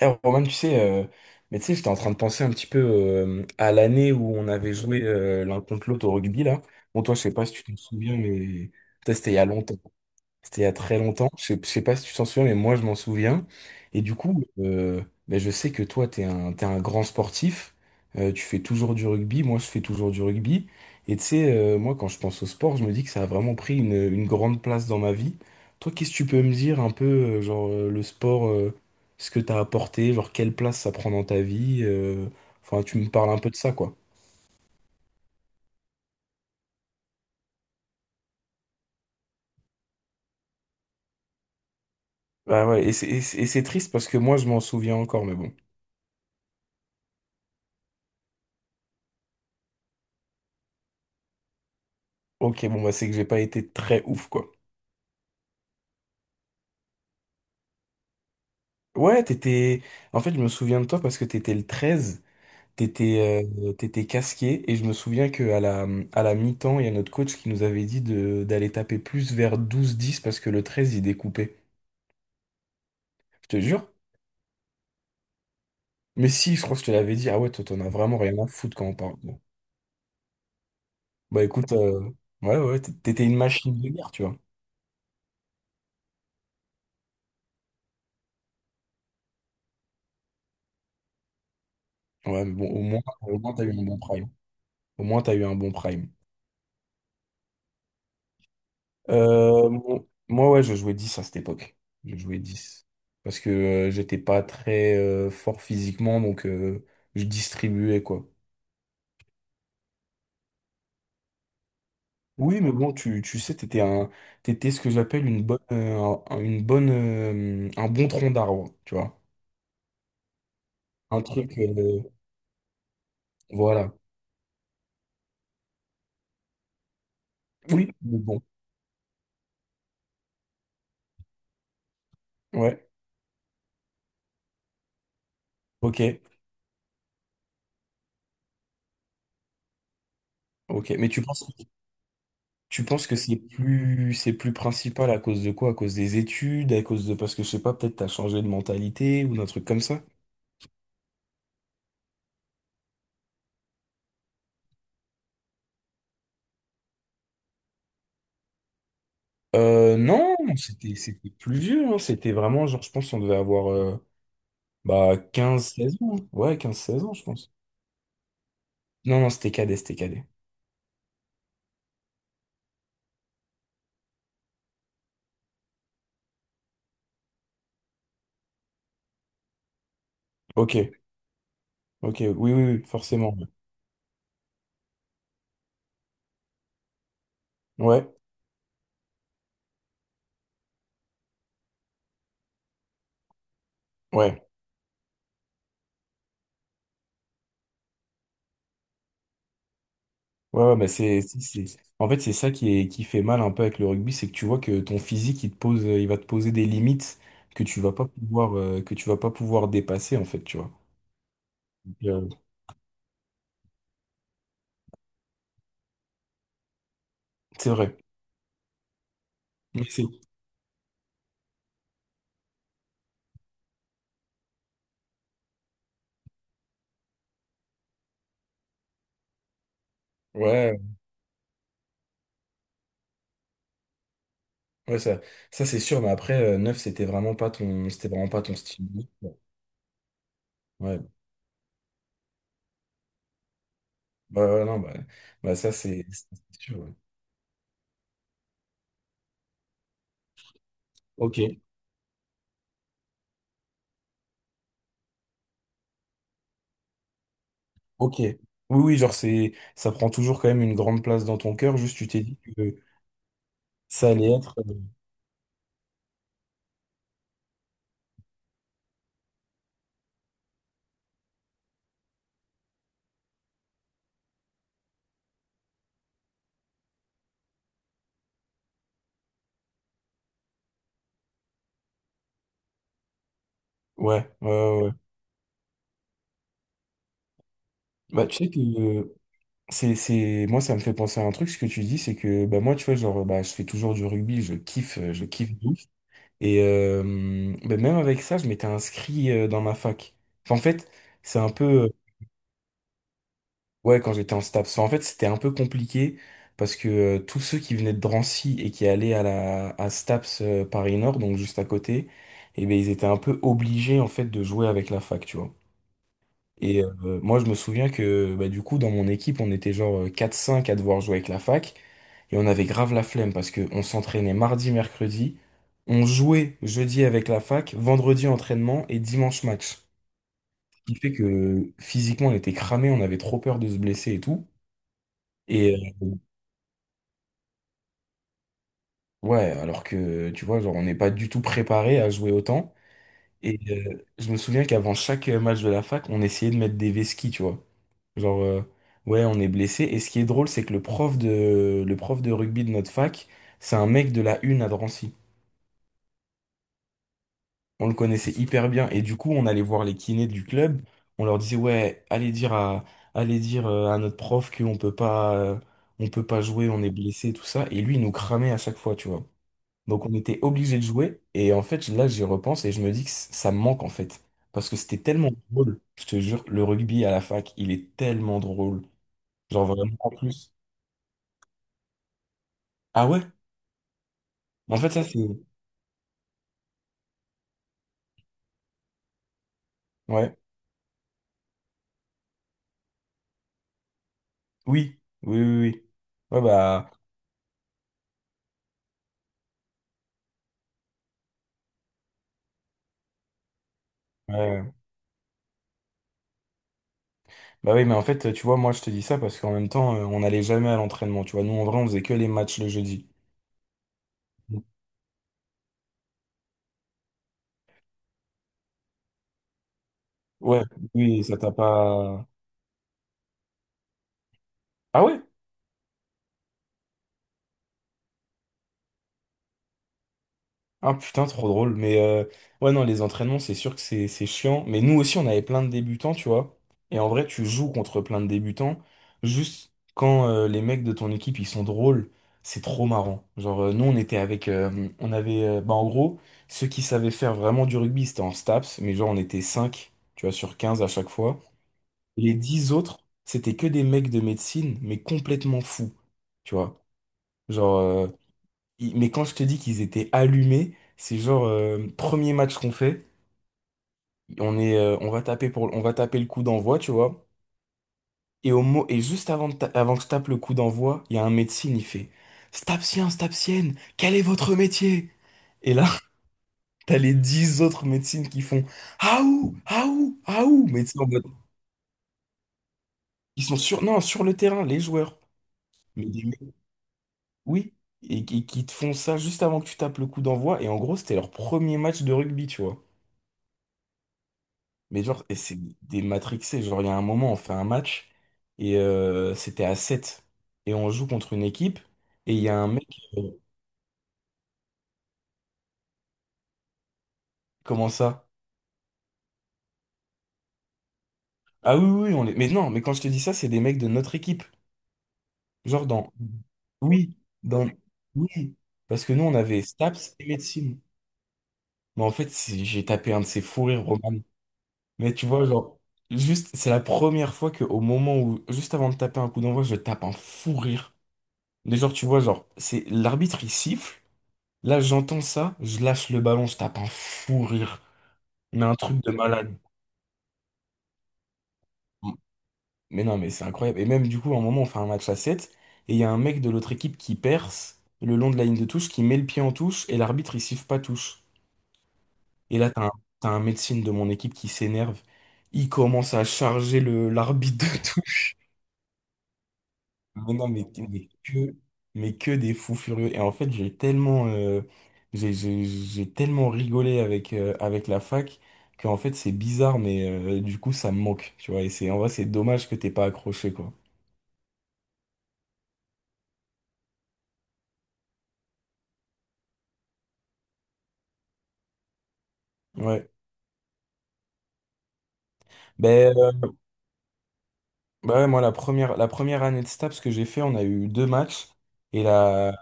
Eh, Roman, tu sais, mais tu sais, j'étais en train de penser un petit peu à l'année où on avait joué l'un contre l'autre au rugby, là. Bon, toi, je sais pas si tu te souviens, mais peut-être c'était il y a longtemps. C'était il y a très longtemps. Je sais pas si tu t'en souviens, mais moi, je m'en souviens. Et du coup, ben, je sais que toi, t'es un grand sportif. Tu fais toujours du rugby. Moi, je fais toujours du rugby. Et tu sais, moi, quand je pense au sport, je me dis que ça a vraiment pris une grande place dans ma vie. Toi, qu'est-ce que tu peux me dire un peu, genre, le sport, ce que t'as apporté, genre, quelle place ça prend dans ta vie? Enfin, tu me parles un peu de ça, quoi. Bah ouais, et c'est triste parce que moi, je m'en souviens encore, mais bon. Ok, bon, bah, c'est que j'ai pas été très ouf, quoi. Ouais, t'étais. En fait, je me souviens de toi parce que t'étais le 13, t'étais casqué, et je me souviens que à la mi-temps, il y a notre coach qui nous avait dit de d'aller taper plus vers 12 10 parce que le 13, il découpait. Je te jure. Mais si, je crois que je te l'avais dit, ah ouais, toi, t'en as vraiment rien à foutre quand on parle. Bon. Bah écoute, ouais, ouais, t'étais une machine de guerre, tu vois. Ouais, mais bon, au moins t'as eu un bon prime. Au moins, t'as eu un bon prime. Moi, ouais, je jouais 10 à cette époque. Je jouais dix. Parce que j'étais pas très fort physiquement, donc je distribuais, quoi. Oui, mais bon, tu sais, t'étais ce que j'appelle une bonne, un bon tronc d'arbre, tu vois. Un truc, voilà. Oui, mais bon, ouais, ok, ok. Mais tu penses que c'est plus principal à cause de quoi? À cause des études, parce que je sais pas, peut-être t'as changé de mentalité ou d'un truc comme ça? Non, c'était plus vieux, hein. C'était vraiment genre, je pense on devait avoir bah 15 16 ans, hein. Ouais, 15 16 ans, je pense. Non, non, c'était cadet, c'était cadet. Ok, ok, oui, oui, oui, forcément. Ouais, ouais, ouais, ouais, bah en fait, c'est ça qui fait mal un peu avec le rugby, c'est que tu vois que ton physique, il va te poser des limites que tu vas pas pouvoir dépasser, en fait, tu vois. Euh, c'est vrai. Mais c'est- Ouais, ouais, ça c'est sûr, mais après, 9, c'était vraiment pas ton style. Ouais, ouais, ouais, non, bah ça c'est sûr, ouais. Ok, ok. Oui, oui, genre c'est ça prend toujours quand même une grande place dans ton cœur, juste tu t'es dit que ça allait être. Ouais, ouais, ouais, ouais. Bah tu sais que moi ça me fait penser à un truc, ce que tu dis, c'est que bah moi tu vois, genre bah je fais toujours du rugby, je kiffe de ouf. Et bah, même avec ça, je m'étais inscrit dans ma fac. Enfin, en fait, c'est un peu. Ouais, quand j'étais en STAPS. En fait, c'était un peu compliqué parce que tous ceux qui venaient de Drancy et qui allaient à STAPS Paris Nord, donc juste à côté, eh ben ils étaient un peu obligés en fait de jouer avec la fac, tu vois. Et moi, je me souviens que bah, du coup, dans mon équipe, on était genre 4-5 à devoir jouer avec la fac et on avait grave la flemme parce que on s'entraînait mardi, mercredi, on jouait jeudi avec la fac, vendredi entraînement et dimanche match. Ce qui fait que physiquement, on était cramés, on avait trop peur de se blesser et tout. et Ouais, alors que tu vois, genre, on n'est pas du tout préparé à jouer autant. Et je me souviens qu'avant chaque match de la fac, on essayait de mettre des vesquis, tu vois. Genre, ouais, on est blessé. Et ce qui est drôle, c'est que le prof de rugby de notre fac, c'est un mec de la une à Drancy. On le connaissait hyper bien. Et du coup, on allait voir les kinés du club. On leur disait, ouais, allez dire à notre prof qu'on peut pas jouer, on est blessé, tout ça. Et lui, il nous cramait à chaque fois, tu vois. Donc on était obligé de jouer. Et en fait, là, j'y repense et je me dis que ça me manque en fait. Parce que c'était tellement drôle. Je te jure, le rugby à la fac, il est tellement drôle. Genre vraiment en plus. Ah ouais? En fait, ça c'est. Ouais. Oui. Oui, oui, oui. Ouais, bah. Ouais. Ouais. Bah oui, mais en fait, tu vois, moi je te dis ça parce qu'en même temps, on n'allait jamais à l'entraînement. Tu vois, nous en vrai, on faisait que les matchs le jeudi. Ouais, oui, ça t'a pas. Ah ouais? Ah putain, trop drôle. Mais ouais, non, les entraînements, c'est sûr que c'est chiant. Mais nous aussi, on avait plein de débutants, tu vois. Et en vrai, tu joues contre plein de débutants. Juste quand les mecs de ton équipe, ils sont drôles, c'est trop marrant. Genre, nous, on était avec. On avait. Bah, en gros, ceux qui savaient faire vraiment du rugby, c'était en STAPS. Mais genre, on était 5 tu vois, sur 15 à chaque fois. Les 10 autres, c'était que des mecs de médecine, mais complètement fous. Tu vois. Genre. Mais quand je te dis qu'ils étaient allumés, c'est genre premier match qu'on fait, on va taper le coup d'envoi, tu vois. Et juste avant, avant que je tape le coup d'envoi, il y a un médecin, il fait Stapsien, Stapsienne, quel est votre métier? Et là, t'as les dix autres médecines qui font Aou, Aou, Aou, mais tu sais, en mode, ils sont sur, non, sur le terrain, les joueurs. Mais des mecs- oui, et qui te font ça juste avant que tu tapes le coup d'envoi. Et en gros, c'était leur premier match de rugby, tu vois. Mais genre, et c'est des matrixés. Genre, il y a un moment, on fait un match et c'était à 7. Et on joue contre une équipe et il y a un mec. euh, comment ça? Ah oui, oui, oui, on est. Mais non, mais quand je te dis ça, c'est des mecs de notre équipe. Genre dans. Oui, dans. Oui. Parce que nous, on avait STAPS et médecine. Mais en fait, j'ai tapé un de ces fous rires, Roman. Mais tu vois, genre, juste, c'est la première fois que au moment où, juste avant de taper un coup d'envoi, je tape un fou rire. Mais genre, tu vois, genre, c'est l'arbitre, il siffle. Là, j'entends ça, je lâche le ballon, je tape un fou rire. Mais un truc de malade. Mais non, mais c'est incroyable. Et même du coup, à un moment, on fait un match à 7 et il y a un mec de l'autre équipe qui perce le long de la ligne de touche, qui met le pied en touche, et l'arbitre, il siffle pas touche. Et là, t'as un médecin de mon équipe qui s'énerve. Il commence à charger le l'arbitre de Mais non, mais que, mais que des fous furieux. Et en fait, j'ai tellement rigolé avec la fac que en fait, c'est bizarre, mais du coup, ça me manque, tu vois. Et c'est, en vrai, c'est dommage que t'aies pas accroché, quoi. Ouais. Ben, bah ouais, moi, la première année de STAPS que j'ai fait, on a eu deux matchs. Et la,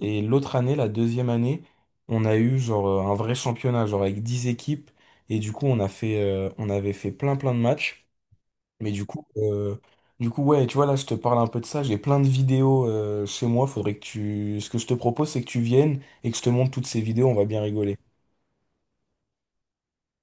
et l'autre année, la deuxième année, on a eu genre un vrai championnat, genre avec 10 équipes. Et du coup, on avait fait plein, plein de matchs. Mais du coup, ouais, tu vois, là, je te parle un peu de ça. J'ai plein de vidéos chez moi. Faudrait que tu. Ce que je te propose, c'est que tu viennes et que je te montre toutes ces vidéos. On va bien rigoler.